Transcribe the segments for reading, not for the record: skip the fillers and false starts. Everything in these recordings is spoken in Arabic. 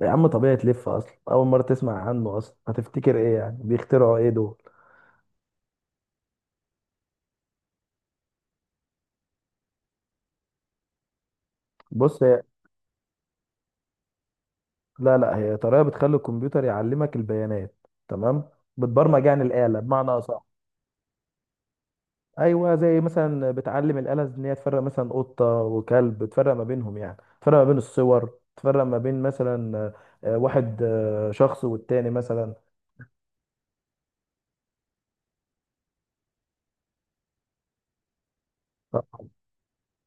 يا عم، طبيعي تلف. اصلا اول مره تسمع عنه، اصلا هتفتكر ايه يعني بيخترعوا ايه دول؟ بص، هي لا لا هي طريقه بتخلي الكمبيوتر يعلمك البيانات. تمام. بتبرمج يعني الاله بمعنى اصح. ايوه، زي مثلا بتعلم الاله ان هي تفرق مثلا قطه وكلب، تفرق ما بينهم، يعني تفرق ما بين الصور، تفرق ما بين مثلا واحد، شخص والتاني مثلا.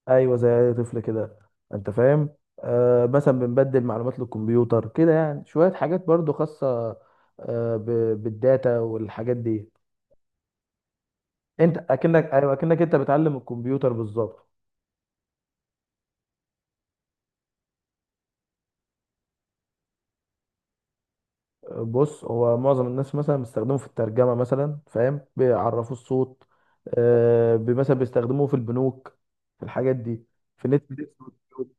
ايوه زي اي طفل كده. انت فاهم؟ آه، مثلا بنبدل معلومات للكمبيوتر كده، يعني شويه حاجات برضو خاصه. آه، بالداتا والحاجات دي. انت اكنك، ايوه اكنك انت بتعلم الكمبيوتر بالظبط. بص، هو معظم الناس مثلا بيستخدموه في الترجمه مثلا، فاهم، بيعرفوا الصوت. آه، مثلا بيستخدموه في البنوك، في الحاجات دي، في نتفليكس واليوتيوب.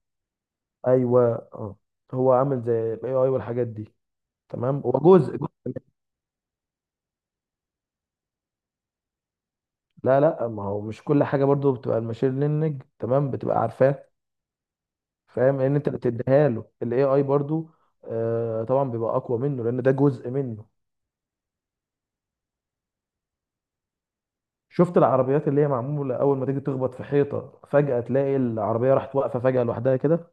ايوه. اه. هو عامل زي الاي اي والحاجات دي. تمام، هو جزء. لا لا، ما هو مش كل حاجه برضو بتبقى الماشين ليرنينج. تمام، بتبقى عارفاه. فاهم، لان انت اللي بتديها له الاي اي برضو. آه طبعا، بيبقى اقوى منه لان ده جزء منه. شفت العربيات اللي هي معموله؟ اول ما تيجي تخبط في حيطه فجاه تلاقي العربيه راحت واقفه فجاه لوحدها كده.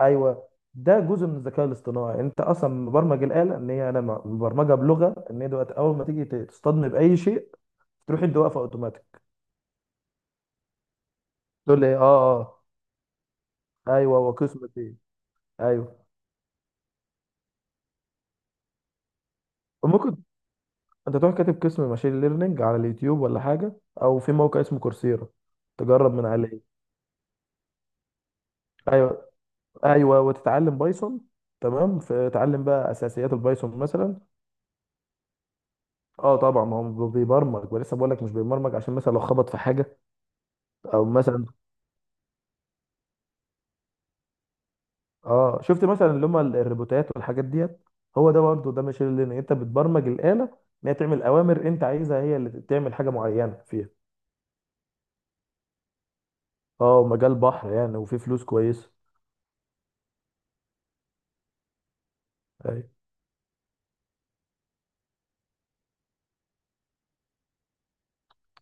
ايوه، ده جزء من الذكاء الاصطناعي. انت اصلا مبرمج الاله ان هي، انا مبرمجه بلغه ان هي دلوقتي اول ما تيجي تصطدم باي شيء تروح انت واقفه اوتوماتيك. تقول لي إيه؟ اه اه. ايوه وقسمة ايه. ايوه ممكن. انت تروح كاتب قسم ماشين ليرنينج على اليوتيوب ولا حاجه، او في موقع اسمه كورسيرا تجرب من عليه. ايوه ايوه، وتتعلم بايثون. تمام، فتعلم بقى اساسيات البايثون مثلا. اه طبعا، ما هو بيبرمج. ولسه بقول لك مش بيبرمج عشان مثلا لو خبط في حاجه، او مثلا. اه شفت مثلا اللي هم الروبوتات والحاجات ديت، هو ده برضه، ده ماشين ليرنينج. انت بتبرمج الاله ان هي تعمل اوامر انت عايزها، هي اللي تعمل حاجه معينه فيها. اه مجال بحر يعني، وفي فلوس كويسه. أيوة.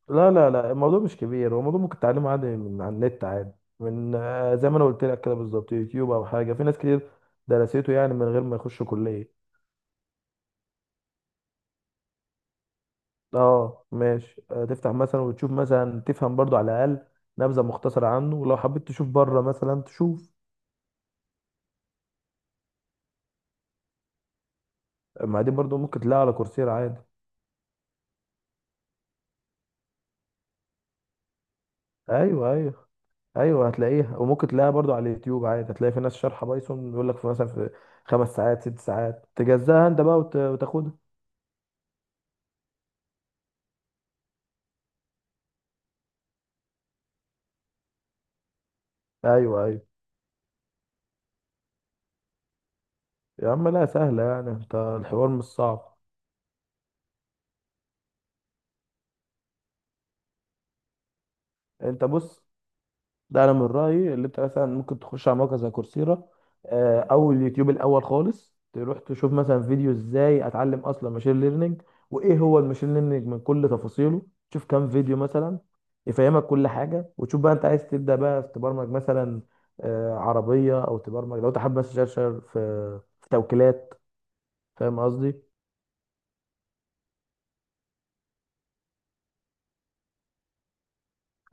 لا لا لا، الموضوع مش كبير. هو الموضوع ممكن تعلمه عادي من على النت عادي، من زي ما انا قلت لك كده بالظبط، يوتيوب او حاجه. في ناس كتير درسته يعني من غير ما يخشوا كليه. اه ماشي، تفتح مثلا وتشوف مثلا، تفهم برضو على الاقل نبذه مختصره عنه، ولو حبيت تشوف بره مثلا تشوف. ما دي برضو ممكن تلاقيها على كورسيرا عادي. ايوه ايوه ايوه هتلاقيها، وممكن تلاقيها برضو على اليوتيوب عادي. هتلاقي في ناس شارحه بايثون، بيقول لك في مثلا في خمس ساعات، ست ساعات، تجزاها انت بقى وتاخدها. ايوه ايوه. يا عم لا سهلة يعني، انت الحوار مش صعب. انت بص، ده انا من رأيي، اللي انت مثلا ممكن تخش على موقع زي كورسيرا، او اليوتيوب الاول خالص، تروح تشوف مثلا فيديو ازاي اتعلم اصلا ماشين ليرنينج وايه هو الماشين ليرنينج من كل تفاصيله. تشوف كام فيديو مثلا يفهمك كل حاجة، وتشوف بقى انت عايز تبدأ بقى في تبرمج مثلا عربية، او تبرمج لو انت حابب مثلا تشتغل في في توكيلات. فاهم قصدي؟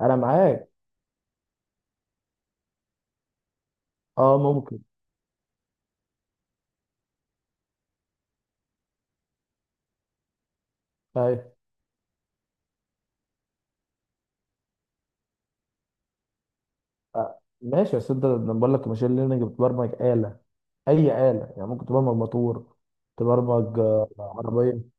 انا معاك. اه ممكن. أيوة. ماشي. بس انت لما بقول لك ماشين ليرنينج، بتبرمج آلة، أي آلة، يعني ممكن تبرمج موتور، تبرمج عربية.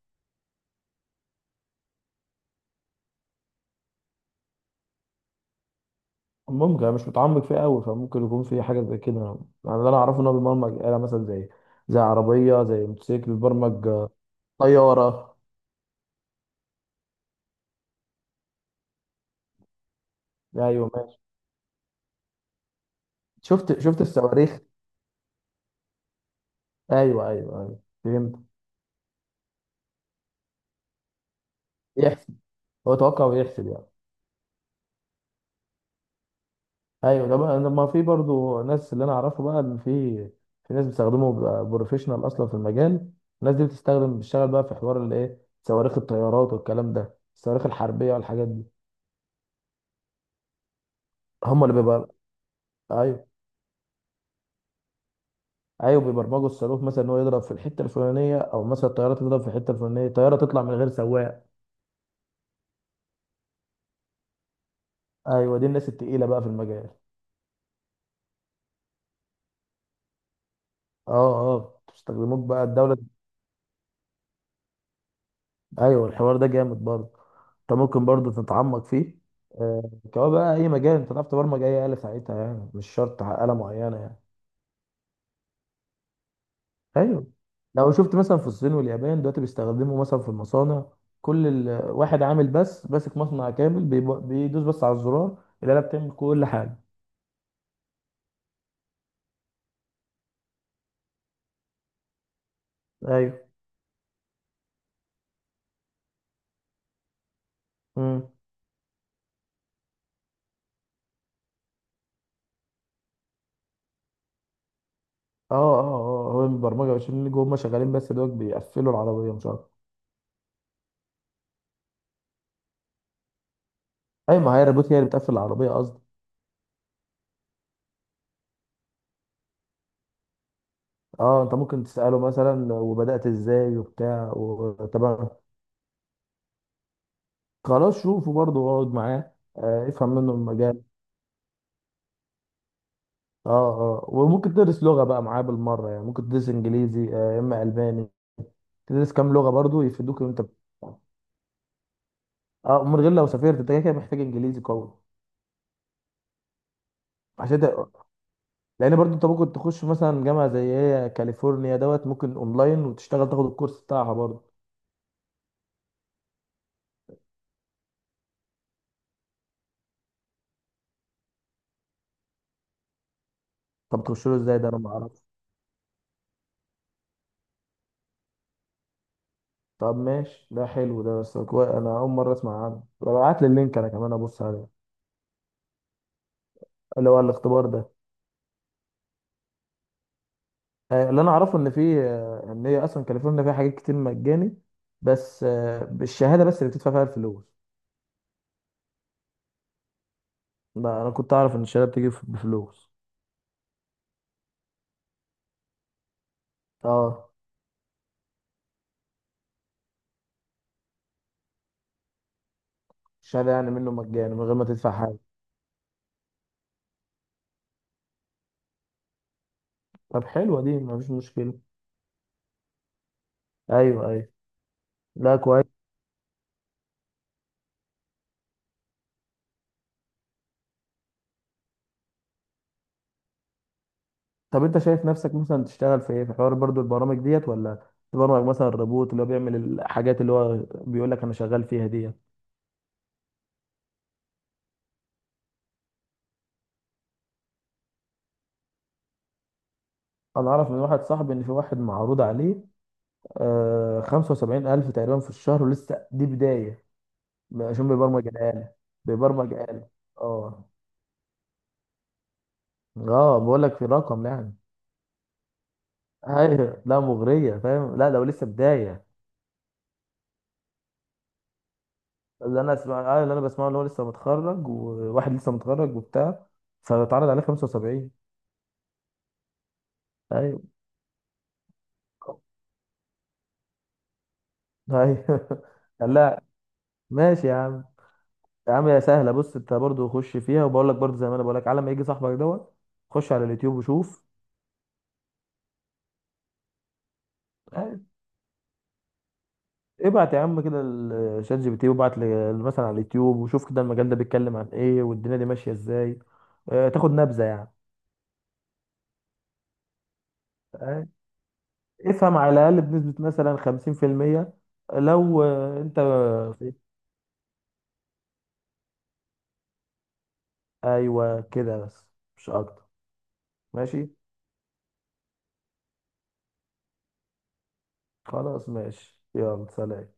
ممكن، أنا مش متعمق فيه قوي، فممكن يكون في حاجة زي كده. يعني اللي أنا أعرفه إن هو بيبرمج آلة، مثلا زي عربية، زي موتوسيكل، بيبرمج طيارة. أيوه ماشي. شفت، الصواريخ. أيوه أيوه أيوه فهمت. يحسب، هو توقع ويحسب يعني. ايوه ده بقى، لما في برضو ناس، اللي انا اعرفه بقى اللي في، في ناس بيستخدموا، بيبقى بروفيشنال اصلا في المجال. الناس دي بتستخدم، بتشتغل بقى في حوار، اللي ايه، صواريخ الطيارات والكلام ده، الصواريخ الحربيه والحاجات دي. هم اللي بيبقى. ايوه ايوه. بيبرمجوا الصاروخ مثلا ان هو يضرب في الحته الفلانيه، او مثلا الطياره تضرب في الحته الفلانيه، الطياره تطلع من غير سواق. ايوه، دي الناس التقيله بقى في المجال. اه اه. بتستخدموك بقى الدوله. ايوه الحوار ده جامد برضه، انت ممكن برضو تتعمق فيه كمان بقى. اي مجال، انت تعرف تبرمج اي آلة ساعتها، يعني مش شرط آلة معينة يعني. ايوه، لو شفت مثلا في الصين واليابان دلوقتي بيستخدموا مثلا في المصانع، كل واحد عامل، بس ماسك مصنع كامل، بيدوس بس على الزرار، الآلة بتعمل كل حاجة. ايوه. امم. اه اه اه هو البرمجة، عشان اللي جوه هم شغالين بس دوت بيقفلوا العربية مش عارف. ايوه، ما هي الروبوت هي اللي بتقفل العربية قصدي. اه، انت ممكن تسأله مثلا وبدأت ازاي وبتاع، وطبعا. خلاص شوفه برضه واقعد معاه، افهم منه المجال. اه اه. وممكن تدرس لغة بقى معاه بالمرة، يعني ممكن تدرس انجليزي، يا اما الماني. تدرس كام لغة برضه يفيدوك، اه، من غير لو سافرت انت كده كده محتاج انجليزي قوي. عشان ت... لان برضه انت ممكن تخش مثلا جامعة زي هي كاليفورنيا دوت، ممكن اونلاين وتشتغل تاخد الكورس بتاعها برضه. طب تخش له ازاي ده، انا ما اعرفش. طب ماشي، ده حلو ده، انا اول مرة اسمع عنه. ابعت لي اللينك، انا كمان ابص عليه. اللي هو الاختبار ده. اللي انا اعرفه ان في، ان هي اصلا كاليفورنيا فيها حاجات كتير مجاني، بس بالشهاده بس اللي بتدفع فيها الفلوس. لا، انا كنت اعرف ان الشهاده بتيجي بفلوس. اه. الشهاده يعني منه مجاني من غير ما تدفع حاجه. طب حلوه دي، مفيش مشكله. ايوه ايوه. لا كويس. طب انت شايف نفسك مثلا تشتغل في ايه؟ في حوار برضو البرامج ديت، ولا تبرمج مثلا الروبوت اللي هو بيعمل الحاجات اللي هو بيقول لك انا شغال فيها ديت. انا اعرف من واحد صاحبي ان في واحد معروض عليه آه 75 الف تقريبا في الشهر، ولسه دي بدايه، عشان بيبرمج الآلة. بيبرمج آلة. اه اه بقول لك في رقم يعني. ايوه لا مغرية، فاهم، لا لو لسه بداية. اللي انا اسمع، اللي انا بسمعه اللي هو لسه متخرج، وواحد لسه متخرج وبتاع، فاتعرض عليه 75. ايوه ايوه قال لا. ماشي يا عم. يا عم يا سهلة، بص انت برضو خش فيها، وبقول لك برضو زي ما انا بقول لك، على ما يجي صاحبك دوت خش على اليوتيوب وشوف. ابعت يا عم كده الشات جي بي تي، وابعت مثلا على اليوتيوب وشوف كده المجال ده بيتكلم عن ايه والدنيا دي ماشيه ازاي، تاخد نبذه يعني. آه، افهم على الاقل بنسبه مثلا 50%، لو انت في. ايوه كده بس، مش اكتر. ماشي. خلاص ماشي يلا سلام.